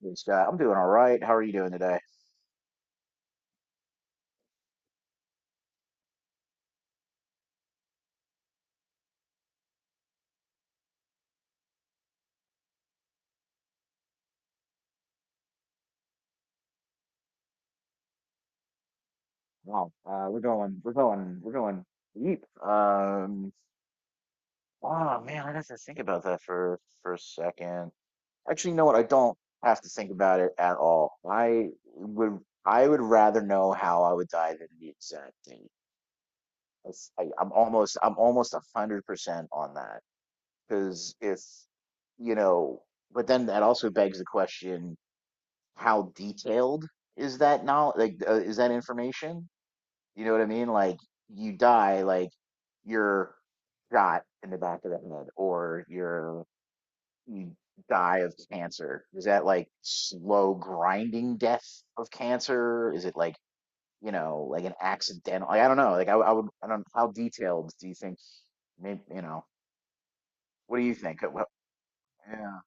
Hey, Scott, I'm doing all right. How are you doing today? We're going deep. Oh man, I got to think about that for a second. Actually, you know what? I don't have to think about it at all. Would, I would rather know how I would die than the exact thing. I'm almost 100% on that because if you know, but then that also begs the question: How detailed is that now? Like, is that information? You know what I mean? Like you die, like you're shot in the back of the head, or you die of cancer. Is that like slow grinding death of cancer? Is it like like an accidental? Like, I don't know. Like, I don't. How detailed do you think? Maybe you know. What do you think? Yeah.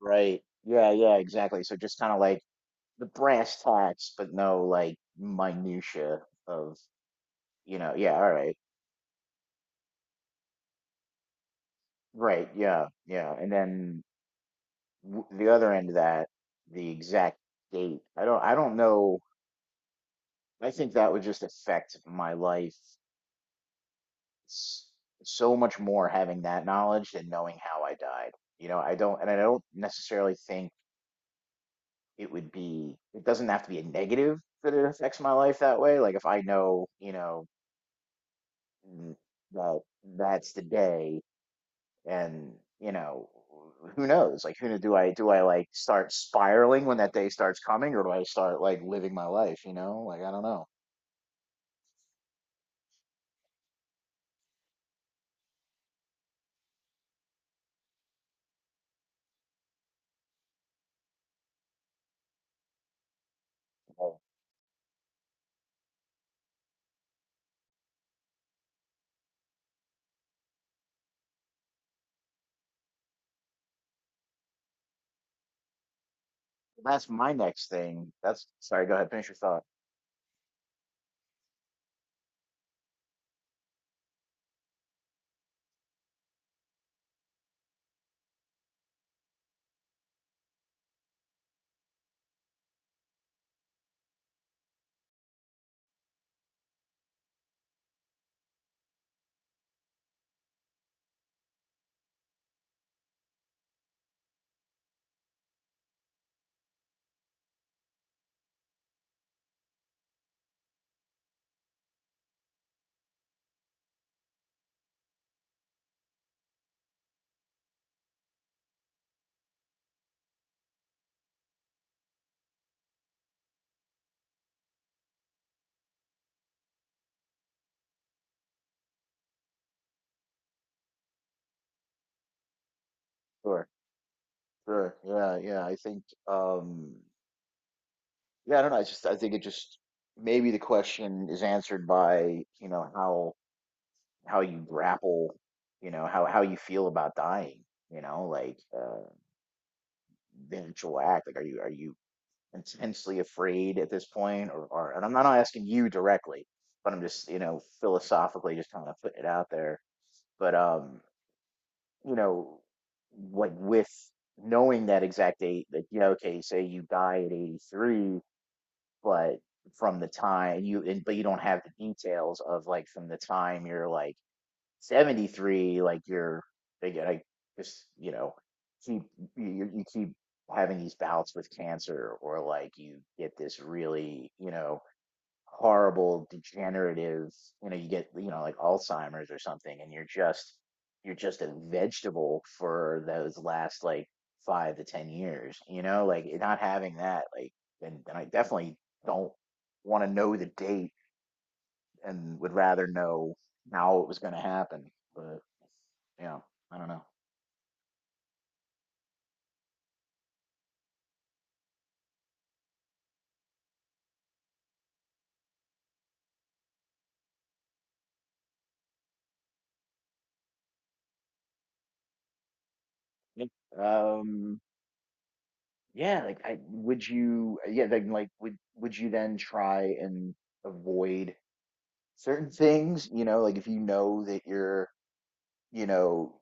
Right. Yeah. Yeah. Exactly. So just kind of like the brass tacks, but no like minutia of. Yeah. All right. Right. Yeah. Yeah. And then the other end of that, the exact date. I don't know. I think that would just affect my life s- so much more having that knowledge than knowing how I died. I don't necessarily think it doesn't have to be a negative that it affects my life that way. Like if I know, mm, that that's the day and you know who knows like do I like start spiraling when that day starts coming or do I start like living my life like I don't know. Well, that's my next thing. That's— sorry, go ahead, finish your thought. Sure. Sure. Yeah. Yeah. I think um yeah, I don't know. I think it just— maybe the question is answered by how you grapple, how you feel about dying, you know, like, the actual act, like, are you, are you intensely afraid at this point? Or, and I'm not asking you directly, but I'm just, you know, philosophically just kind of putting it out there. But you know, like with knowing that exact date, that, you know, okay, say you die at 83, but from the time you— and but you don't have the details of like from the time you're like 73, like you're— again, I just, you know, keep— you keep having these bouts with cancer, or like you get this really, you know, horrible degenerative, you know, you get, you know, like alzheimer's or something, and you're just— you're just a vegetable for those last like 5 to 10 years, you know, like not having that, like— and I definitely don't want to know the date and would rather know how it was going to happen. But you know, I don't know. Like, Um, yeah, like I would you yeah, then like would you then try and avoid certain things? You know, like if you know that you're, you know,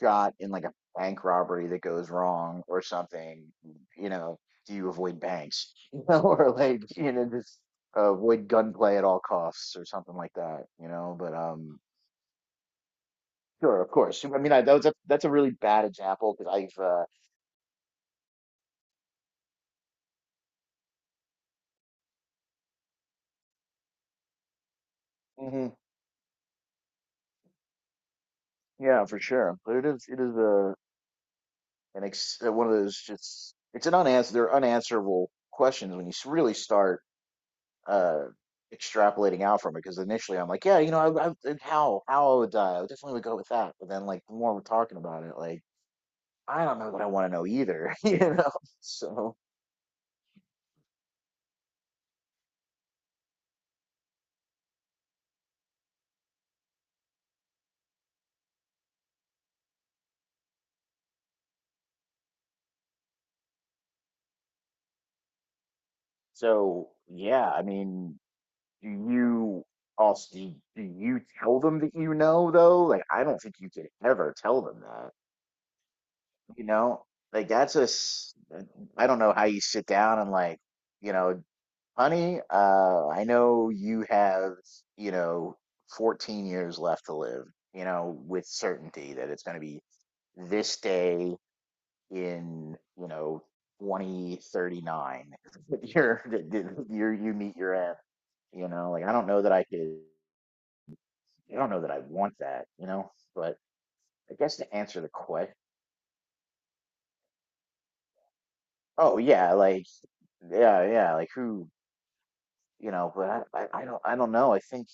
shot in like a bank robbery that goes wrong or something, you know, do you avoid banks? You know, or like, you know, just avoid gunplay at all costs or something like that, you know, but sure, of course. I mean, that was a— that's a really bad example because hmm, yeah, for sure. But it is, it is a an ex one of those— just it's an unanswer they're unanswerable questions when you really start uh extrapolating out from it. Because initially I'm like, yeah, you know, I, and how I would die, I would definitely would go with that. But then like the more we're talking about it, like I don't know what I want to know either, you know. So so yeah, I mean. Do you— also do you tell them that you know though? Like, I don't think you could ever tell them that, you know? Like that's a I don't know how you sit down and like, you know, honey, I know you have, you know, 14 years left to live, you know, with certainty that it's going to be this day in, you know, 2039 that you're that you're you meet your end, you know? Like I don't know that I want that, you know, but I guess to answer the question, oh yeah, like yeah, yeah, like who, you know, but I don't know.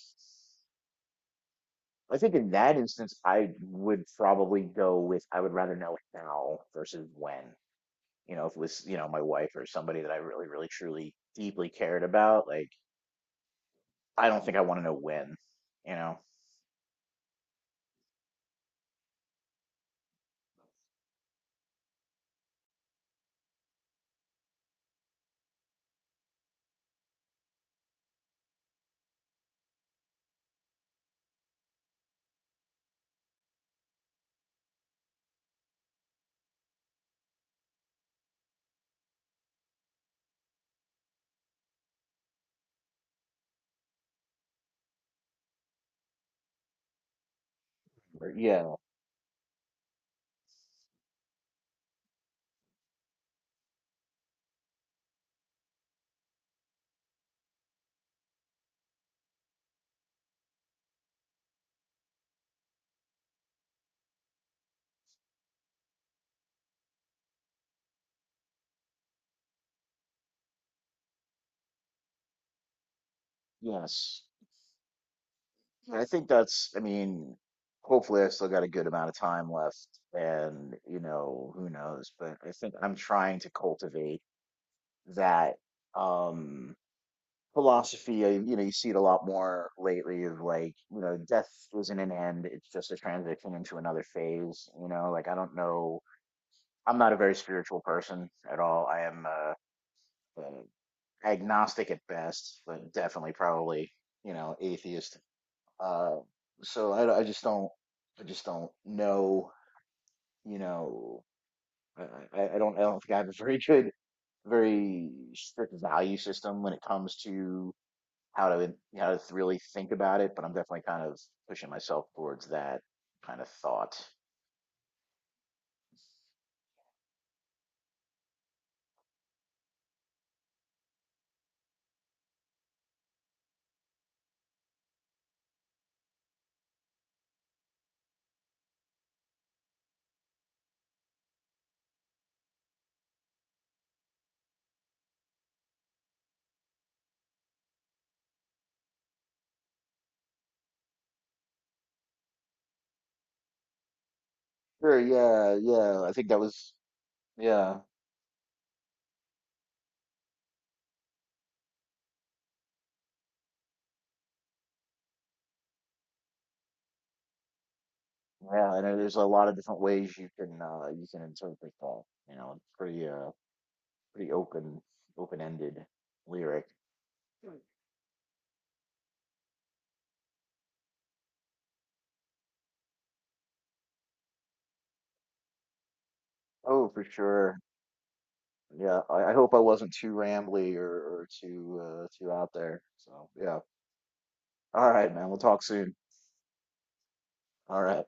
I think in that instance, I would probably go with I would rather know how versus when. You know, if it was, you know, my wife or somebody that I really, really, truly, deeply cared about, like I don't think I want to know when. You know, or, yeah, yes. I mean, hopefully I still got a good amount of time left, and, you know, who knows, but I think I'm trying to cultivate that um philosophy. I, you know, you see it a lot more lately of like, you know, death isn't an end, it's just a transition into another phase, you know, like I don't know, I'm not a very spiritual person at all. I am uh agnostic at best, but definitely probably, you know, atheist, uh, so I just don't know, you know, I, I don't think I have a very good, very strict value system when it comes to how to, how to really think about it, but I'm definitely kind of pushing myself towards that kind of thought. Sure, yeah, yeah, I think that was, yeah, yeah, I know there's a lot of different ways you can interpret that, you know, it's pretty, pretty open, open-ended lyric. Mm. Oh, for sure. Yeah, I hope I wasn't too rambly, or too too out there. So yeah. All right, man. We'll talk soon. All right.